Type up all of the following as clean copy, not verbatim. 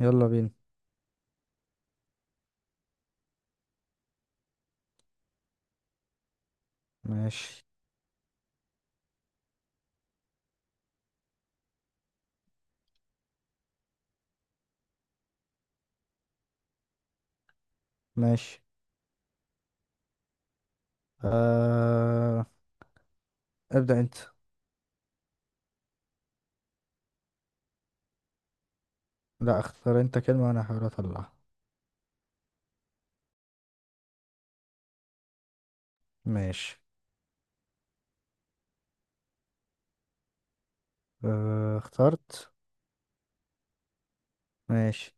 يلا بينا. ماشي. ماشي. آه... ابدأ انت. لا، اختار انت كلمة وانا هحاول اطلعها. ماشي. اخترت. ماشي.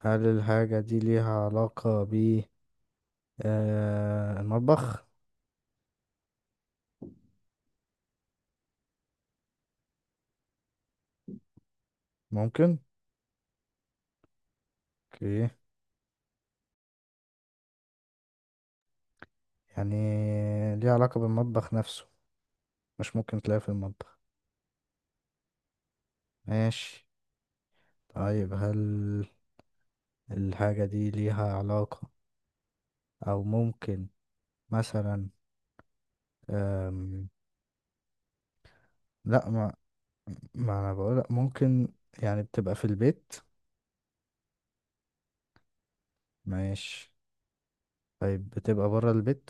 هل الحاجة دي ليها علاقة ب المطبخ؟ ممكن. اوكي. يعني ليها علاقة بالمطبخ نفسه؟ مش ممكن تلاقيها في المطبخ؟ ماشي. طيب، هل الحاجة دي ليها علاقة، او ممكن مثلا آم... لا. ما انا بقول لك ممكن، يعني بتبقى في البيت. ماشي. طيب، بتبقى بره البيت؟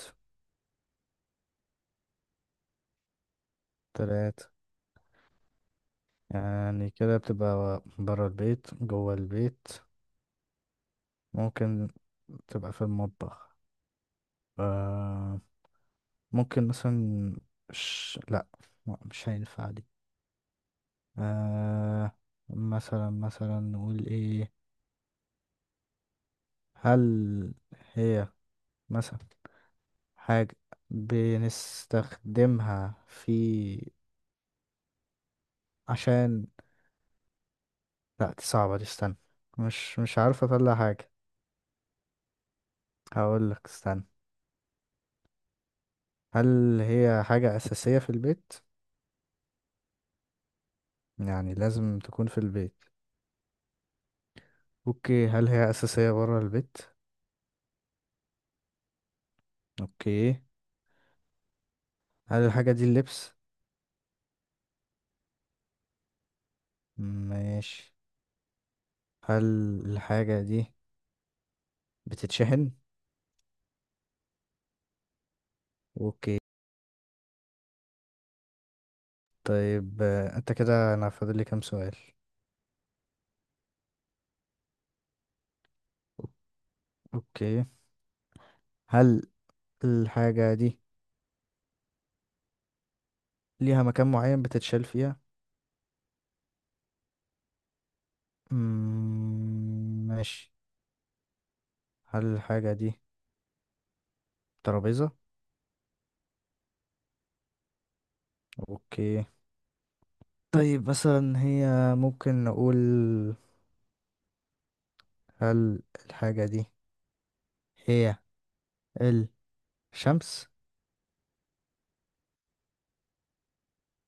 تلاتة. يعني كده بتبقى بره البيت، جوه البيت، ممكن تبقى في المطبخ. آه، ممكن مثلا لا، لا، مش هينفع دي. آه، مثلا مثلا نقول ايه؟ هل هي مثلا حاجة بنستخدمها في عشان، لا دي صعبة دي، استنى. مش عارف اطلع حاجة. هقول لك استنى. هل هي حاجة أساسية في البيت؟ يعني لازم تكون في البيت. اوكي، هل هي أساسية برا البيت؟ اوكي. هل الحاجة دي اللبس؟ ماشي. هل الحاجة دي بتتشحن؟ اوكي. طيب انت كده انا فاضل لي كام سؤال؟ اوكي. هل الحاجة دي ليها مكان معين بتتشال فيها؟ ماشي. هل الحاجة دي ترابيزة؟ اوكي. طيب مثلا هي ممكن نقول، هل الحاجة دي هي الشمس؟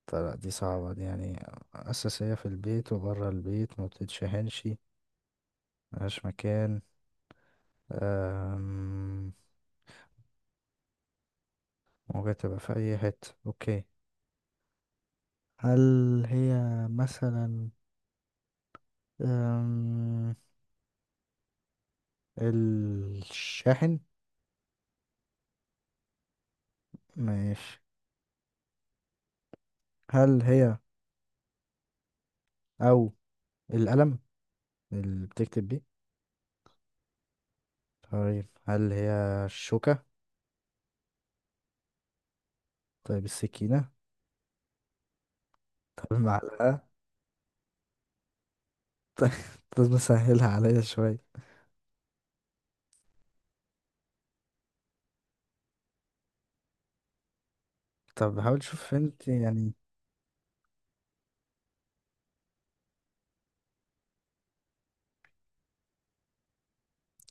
طلع دي صعبة دي يعني. أساسية في البيت وبره البيت، ما بتتشحنش، ملهاش مكان. أم، ممكن تبقى في أي حتة. اوكي. هل هي مثلا أم، الشاحن؟ ماشي. هل هي، أو القلم اللي بتكتب بيه؟ طيب هل هي الشوكة؟ طيب السكينة؟ طب المعلقة؟ طيب. لازم اسهلها عليا شوية. طب حاول تشوف انت يعني.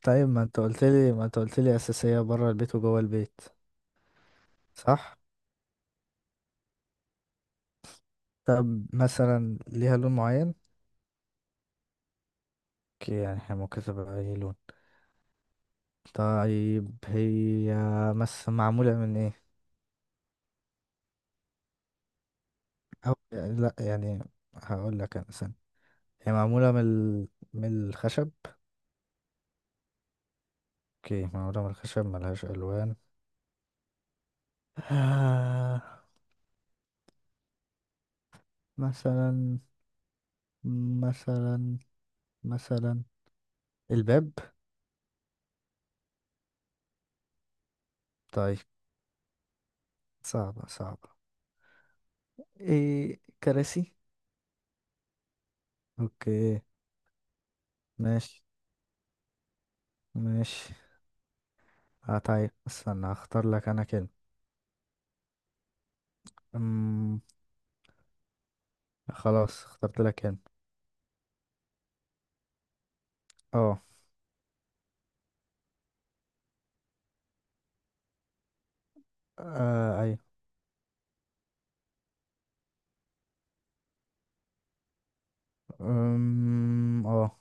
طيب، ما انت قلت لي، ما انت قلت لي أساسية بره البيت وجوه البيت. صح. طب مثلا ليها لون معين؟ اوكي، يعني احنا ممكن تبقى اي لون. طيب هي مثلا معمولة من ايه؟ أو لا يعني. هقول لك انا سنة. هي معمولة من من الخشب. اوكي، معمولة من الخشب، ملهاش ألوان. آه مثلا مثلا مثلا الباب؟ طيب، صعبة صعبة. ايه كراسي؟ اوكي. ماشي. ماشي. طيب استنى هختار لك انا كلمة. أم... خلاص اخترت لك كلمة. اه. آه، ايوه. اه.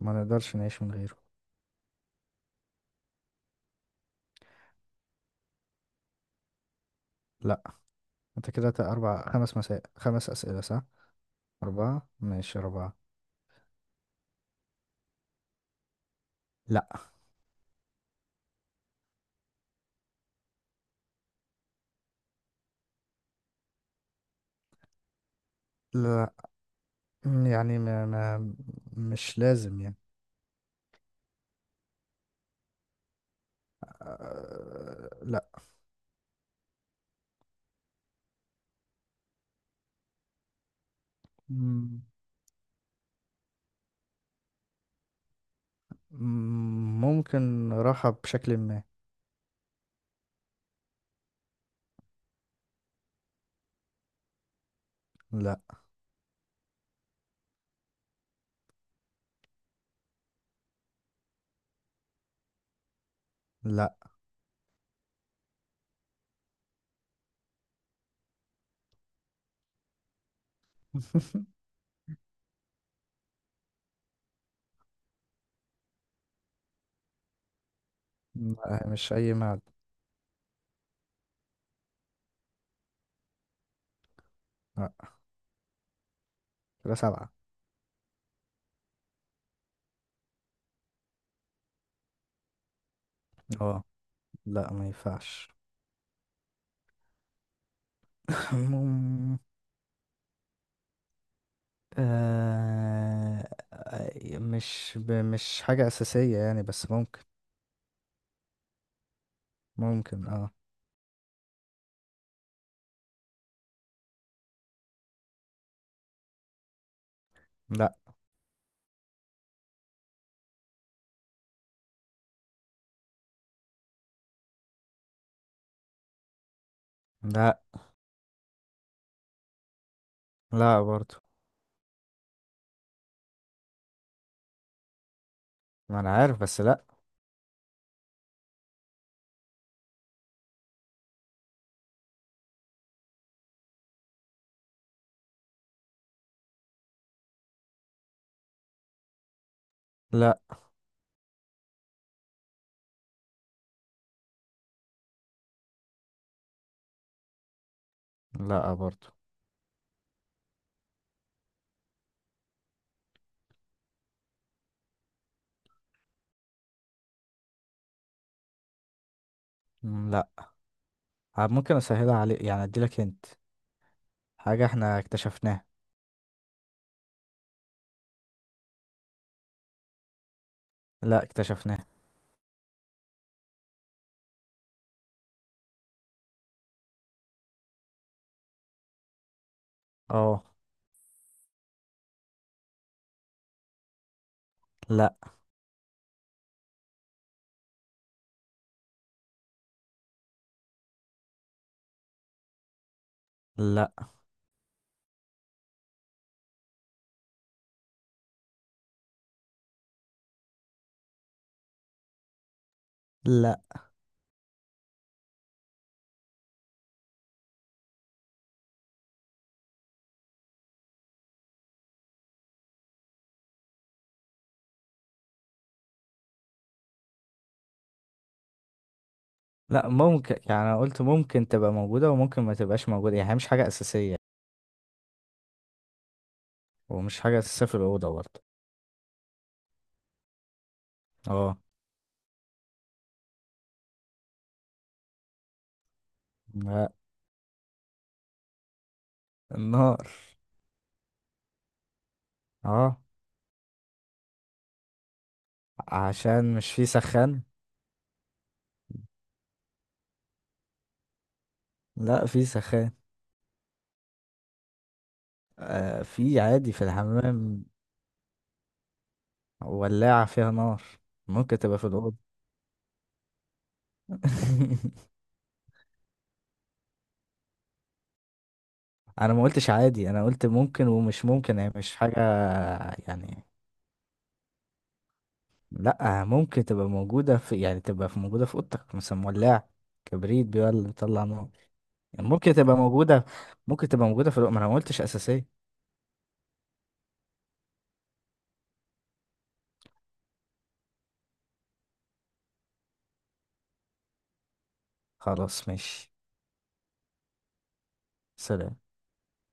ما نقدرش نعيش من غيره. لا. انت كده اربع خمس مسائل، خمس اسئلة، صح؟ اربعة، ماشي اربعة. لا. لا، يعني ما... ما... مش لازم يعني. آه، لا. أمم. ممكن راحة بشكل ما. لا. لا. لا، مش أي معدن. لا. كده سبعة. اه. لا ما ينفعش. مم، آه... آه، مش حاجة أساسية يعني، بس ممكن. ممكن اه. لا. لا، لا برضو. ما أنا عارف بس لا. لا، لا برضو. مم، لا. ممكن أسهلها عليك يعني، أديلك انت. حاجة احنا اكتشفناها. لا، اكتشفناها. اه. لا. لا. لا. لا، ممكن يعني، انا قلت ممكن تبقى موجودة وممكن ما تبقاش موجودة، يعني هي مش حاجة أساسية. ومش حاجة أساسية في الأوضة برضه. اه. لا. النار. اه. عشان مش في سخان. لا في سخان. في عادي في الحمام. ولاعة فيها نار. ممكن تبقى في الأوضة. أنا ما قلتش عادي، أنا قلت ممكن ومش ممكن، هي مش حاجة يعني. لا، ممكن تبقى موجودة في، يعني تبقى في، موجودة في أوضتك مثلا، ولاعة، كبريت بيولع بيطلع نار، يعني ممكن تبقى موجودة. ممكن تبقى موجودة في الوقت، ما انا ما قلتش أساسية. خلاص ماشي. سلام.